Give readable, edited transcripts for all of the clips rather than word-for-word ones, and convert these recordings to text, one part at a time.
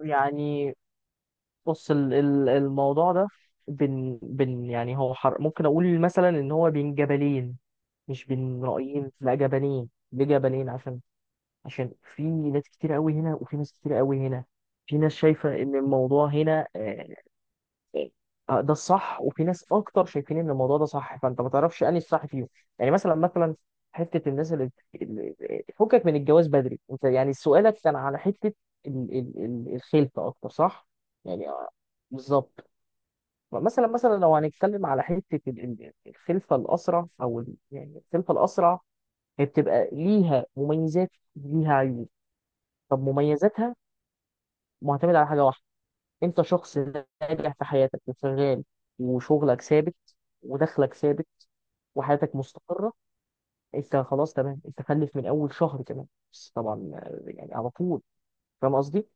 يعني، بص، الموضوع ده بين بين، يعني هو حر. ممكن اقول مثلا ان هو بين جبلين، مش بين رأيين، لا جبلين. ليه جبلين؟ عشان في ناس كتير قوي هنا، وفي ناس كتير قوي هنا. في ناس شايفة ان الموضوع هنا ده الصح، وفي ناس اكتر شايفين ان الموضوع ده صح، فانت ما تعرفش انهي الصح فيهم. يعني مثلا مثلا، حته الناس فكك من الجواز بدري، انت يعني سؤالك كان على حته الخلفه اكتر، صح؟ يعني بالظبط. مثلا مثلا لو هنتكلم على حته الخلفه الاسرع، او يعني الخلفه الاسرع، هي بتبقى ليها مميزات، ليها عيوب. طب مميزاتها معتمده على حاجه واحده: انت شخص ناجح في حياتك وشغال، وشغلك ثابت، ودخلك ثابت، وحياتك مستقرة، انت خلاص تمام، انت خلف من اول شهر كمان، بس طبعا يعني على طول. فاهم قصدي؟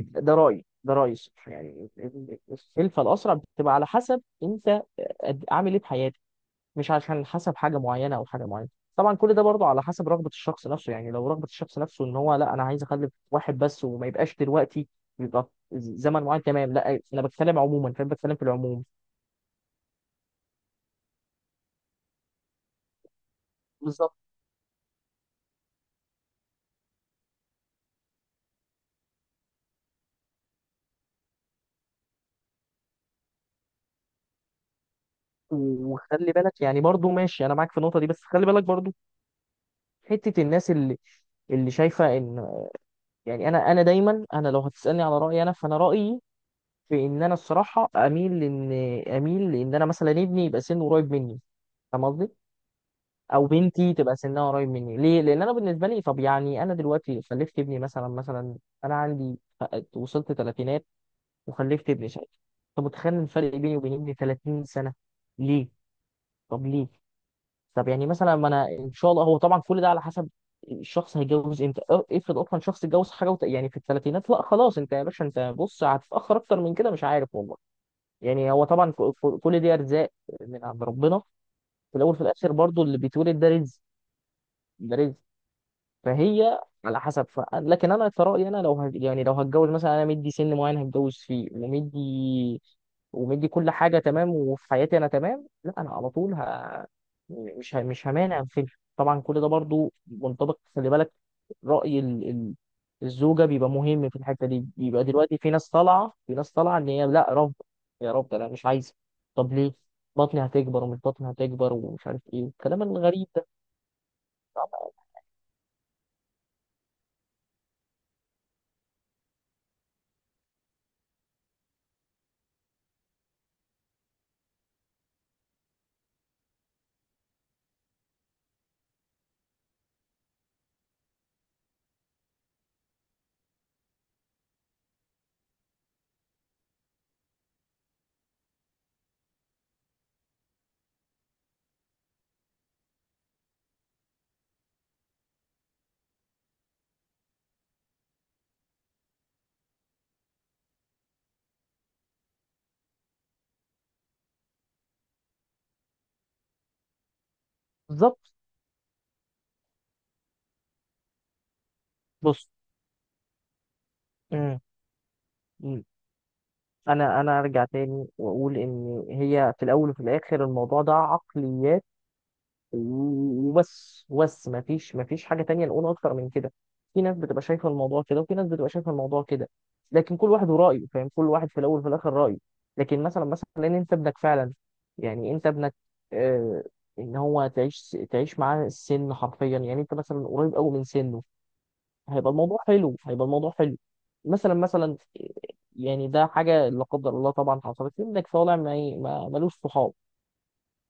ده رأيي، ده رأيي الصراحة. يعني الخلفة الأسرع بتبقى على حسب انت عامل ايه في حياتك، مش عشان حسب حاجه معينه او حاجه معينه. طبعا كل ده برضه على حسب رغبه الشخص نفسه. يعني لو رغبه الشخص نفسه ان هو لا، انا عايز اخلف واحد بس وما يبقاش دلوقتي، يبقى زمن معين، تمام. لا انا بتكلم عموما، فاهم، بتكلم في العموم. بالظبط. وخلي بالك يعني برضه، ماشي انا معاك في النقطه دي، بس خلي بالك برضه حته الناس اللي شايفه ان، يعني انا دايما، انا لو هتسالني على رايي انا، فانا رايي في ان انا الصراحه اميل ان، اميل ان انا مثلا ابني يبقى سنه قريب مني. فاهم قصدي؟ او بنتي تبقى سنها قريب مني. ليه؟ لان انا بالنسبه لي، طب يعني انا دلوقتي خلفت ابني مثلا مثلا، انا عندي، وصلت ثلاثينات وخلفت ابني، ساعتها انت متخيل الفرق بيني وبين ابني 30 سنه؟ ليه؟ طب ليه؟ طب يعني مثلا، ما انا ان شاء الله، هو طبعا كل ده على حسب الشخص هيتجوز امتى. افرض اصلا شخص اتجوز حاجه يعني في الثلاثينات، لا خلاص انت يا باشا، انت بص، هتتاخر اكتر من كده، مش عارف والله. يعني هو طبعا كل دي ارزاق من عند ربنا، في الاول في الاخر برضو اللي بيتولد ده رزق، ده رزق. فهي على حسب لكن انا كرأيي انا، لو يعني لو هتجوز مثلا، انا مدي سن معين هتجوز فيه، ومدي، ومدي كل حاجه تمام وفي حياتي انا تمام، لا انا على طول مش مش همانع في. طبعا كل ده برضو منطبق، خلي بالك، رأي الزوجه بيبقى مهم في الحته دي. بيبقى دلوقتي في ناس طالعه، في ناس طالعه ان هي لا، رفض، يا رب انا مش عايزه. طب ليه؟ بطني هتكبر، ومش بطني هتكبر، ومش عارف ايه، والكلام الغريب ده. بالظبط. بص. امم. مم. انا ارجع تاني واقول ان هي في الاول وفي الاخر الموضوع ده عقليات، وبس، ما فيش حاجه تانية نقول اكتر من كده. في ناس بتبقى شايفه الموضوع كده، وفي ناس بتبقى شايفه الموضوع كده، لكن كل واحد ورايه، فاهم، كل واحد في الاول وفي الاخر رايه. لكن مثلا مثلا لان انت ابنك فعلا، يعني انت ابنك، آه، ان هو تعيش تعيش معاه السن حرفيا، يعني انت مثلا قريب قوي من سنه، هيبقى الموضوع حلو، هيبقى الموضوع حلو. مثلا مثلا يعني ده حاجه لا قدر الله طبعا حصلت لي، انك طالع ملوش صحاب،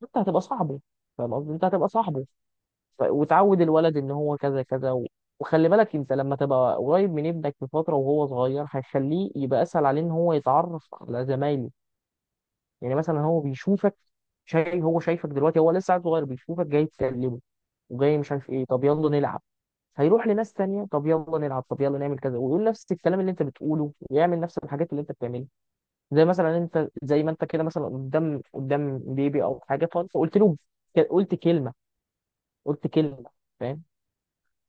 انت هتبقى صاحبه. فاهم قصدي، انت هتبقى صاحبه. وتعود الولد ان هو كذا كذا وخلي بالك، انت لما تبقى قريب من ابنك في فتره وهو صغير، هيخليه يبقى اسهل عليه ان هو يتعرف على زمايله. يعني مثلا هو بيشوفك، شايف، هو شايفك دلوقتي هو لسه عيل صغير، بيشوفك جاي تكلمه، وجاي مش عارف ايه، طب يلا نلعب. هيروح لناس تانية، طب يلا نلعب، طب يلا نعمل كذا، ويقول نفس الكلام اللي انت بتقوله، ويعمل نفس الحاجات اللي انت بتعملها. زي مثلا انت، زي ما انت كده مثلا، قدام قدام بيبي او حاجه، فانت قلت له، قلت كلمه، قلت كلمه، فاهم،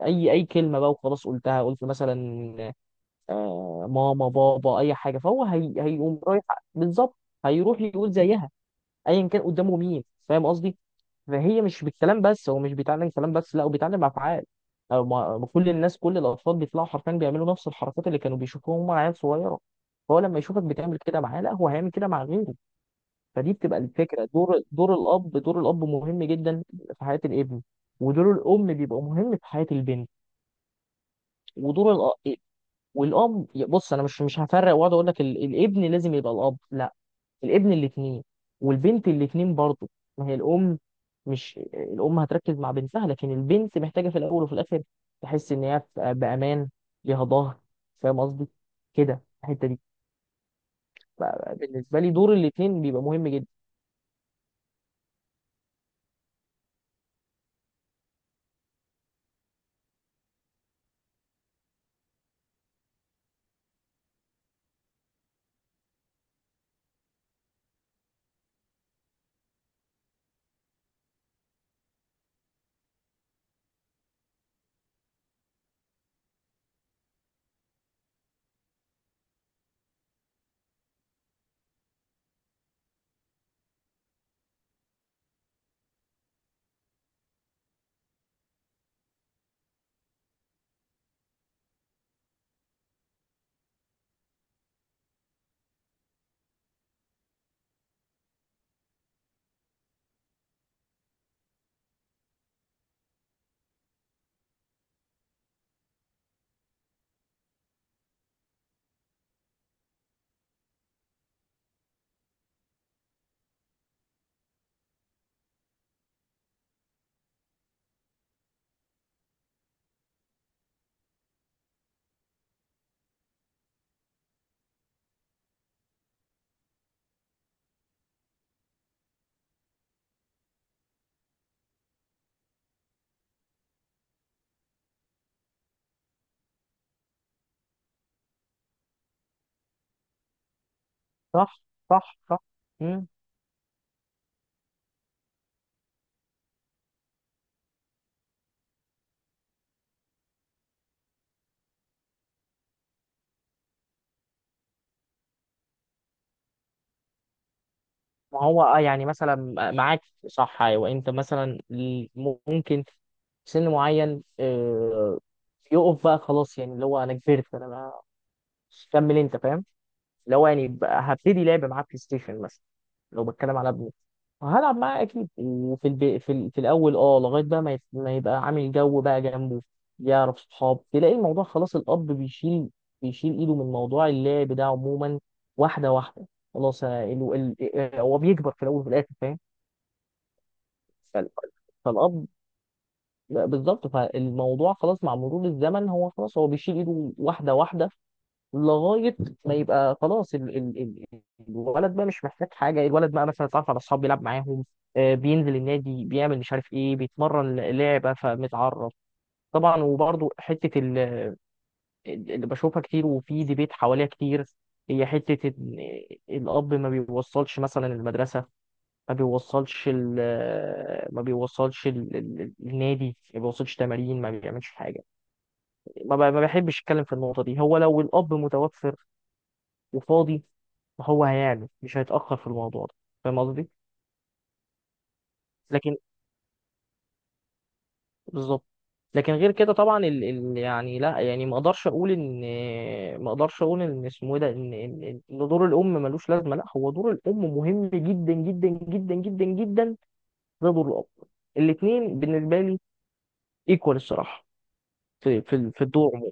اي كلمه بقى وخلاص، قلتها قلت مثلا آه ماما بابا اي حاجه، فهو هي هيقوم رايح. بالظبط. هيروح يقول زيها ايا كان قدامه مين، فاهم قصدي. فهي مش بالكلام بس، هو مش بيتعلم كلام بس، لا هو بيتعلم افعال. أو ما كل الناس كل الاطفال بيطلعوا حرفيا بيعملوا نفس الحركات اللي كانوا بيشوفوها هم عيال صغيره. فهو لما يشوفك بتعمل كده معاه، لا هو هيعمل كده مع غيره. فدي بتبقى الفكره، دور الاب، دور الاب مهم جدا في حياه الابن، ودور الام بيبقى مهم في حياه البنت. ودور الأ... والاب، بص، انا مش هفرق واقعد اقول لك الابن لازم يبقى الاب، لا، الابن الاتنين، والبنت الاتنين برضه. ما هي الام، مش الام هتركز مع بنتها، لكن البنت محتاجه في الاول وفي الاخر تحس ان هي بامان، ليها ظهر، فاهم قصدي؟ كده الحته دي. ف- بالنسبه لي دور الاتنين بيبقى مهم جدا. صح، صح، صح. مم. ما هو اه، يعني مثلا، معاك. صح، ايوه، انت مثلا ممكن في سن معين يقف بقى خلاص، يعني اللي هو انا كبرت، انا كمل انت، فاهم، اللي هو يعني بقى هبتدي لعب معاه بلاي ستيشن مثلا. لو بتكلم على ابني فهلعب معاه اكيد. وفي في الاول اه، لغايه بقى ما يبقى عامل جو بقى جنبه، يعرف صحاب، تلاقي الموضوع خلاص الاب بيشيل ايده من موضوع اللعب ده عموما، واحده واحده. خلاص، أنا ال... ال... آه، هو بيكبر في الاول وفي الاخر، فاهم. فال- فالاب، لا، بالظبط، فالموضوع خلاص مع مرور الزمن هو خلاص هو بيشيل ايده واحده واحده لغايه ما يبقى خلاص ال ال ال الولد بقى مش محتاج حاجه، الولد بقى مثلا اتعرف على اصحاب بيلعب معاهم، آه، بينزل النادي، بيعمل مش عارف ايه، بيتمرن لعبه فمتعرف. طبعا. وبرضه حته اللي بشوفها كتير وفي ديبيت حواليها كتير، هي حته إن الاب ما بيوصلش مثلا المدرسه، ما بيوصلش ال، ما بيوصلش النادي، ما بيوصلش تمارين، ما بيعملش حاجه. ما بحبش اتكلم في النقطه دي. هو لو الاب متوفر وفاضي فهو هيعمل، مش هيتأخر في الموضوع ده، فاهم قصدي؟ لكن بالظبط. لكن غير كده طبعا يعني لا، يعني ما اقدرش اقول ان، ما اقدرش اقول ان اسمه ايه ده ان إن دور الام ملوش لازمه. لا، هو دور الام مهم جدا، جدا جدا جدا جدا، زي دور الاب. الاثنين بالنسبه لي ايكوال الصراحه في، في في الدور عموما.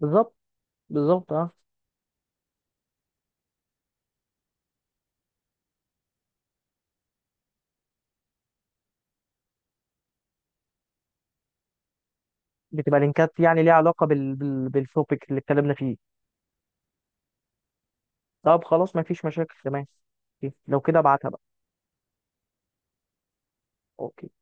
بالظبط، بالظبط اه. بتبقى لينكات يعني ليها علاقه بالتوبيك اللي اتكلمنا فيه؟ طب خلاص ما فيش مشاكل، تمام. أوكي، لو كده ابعتها بقى. اوكي.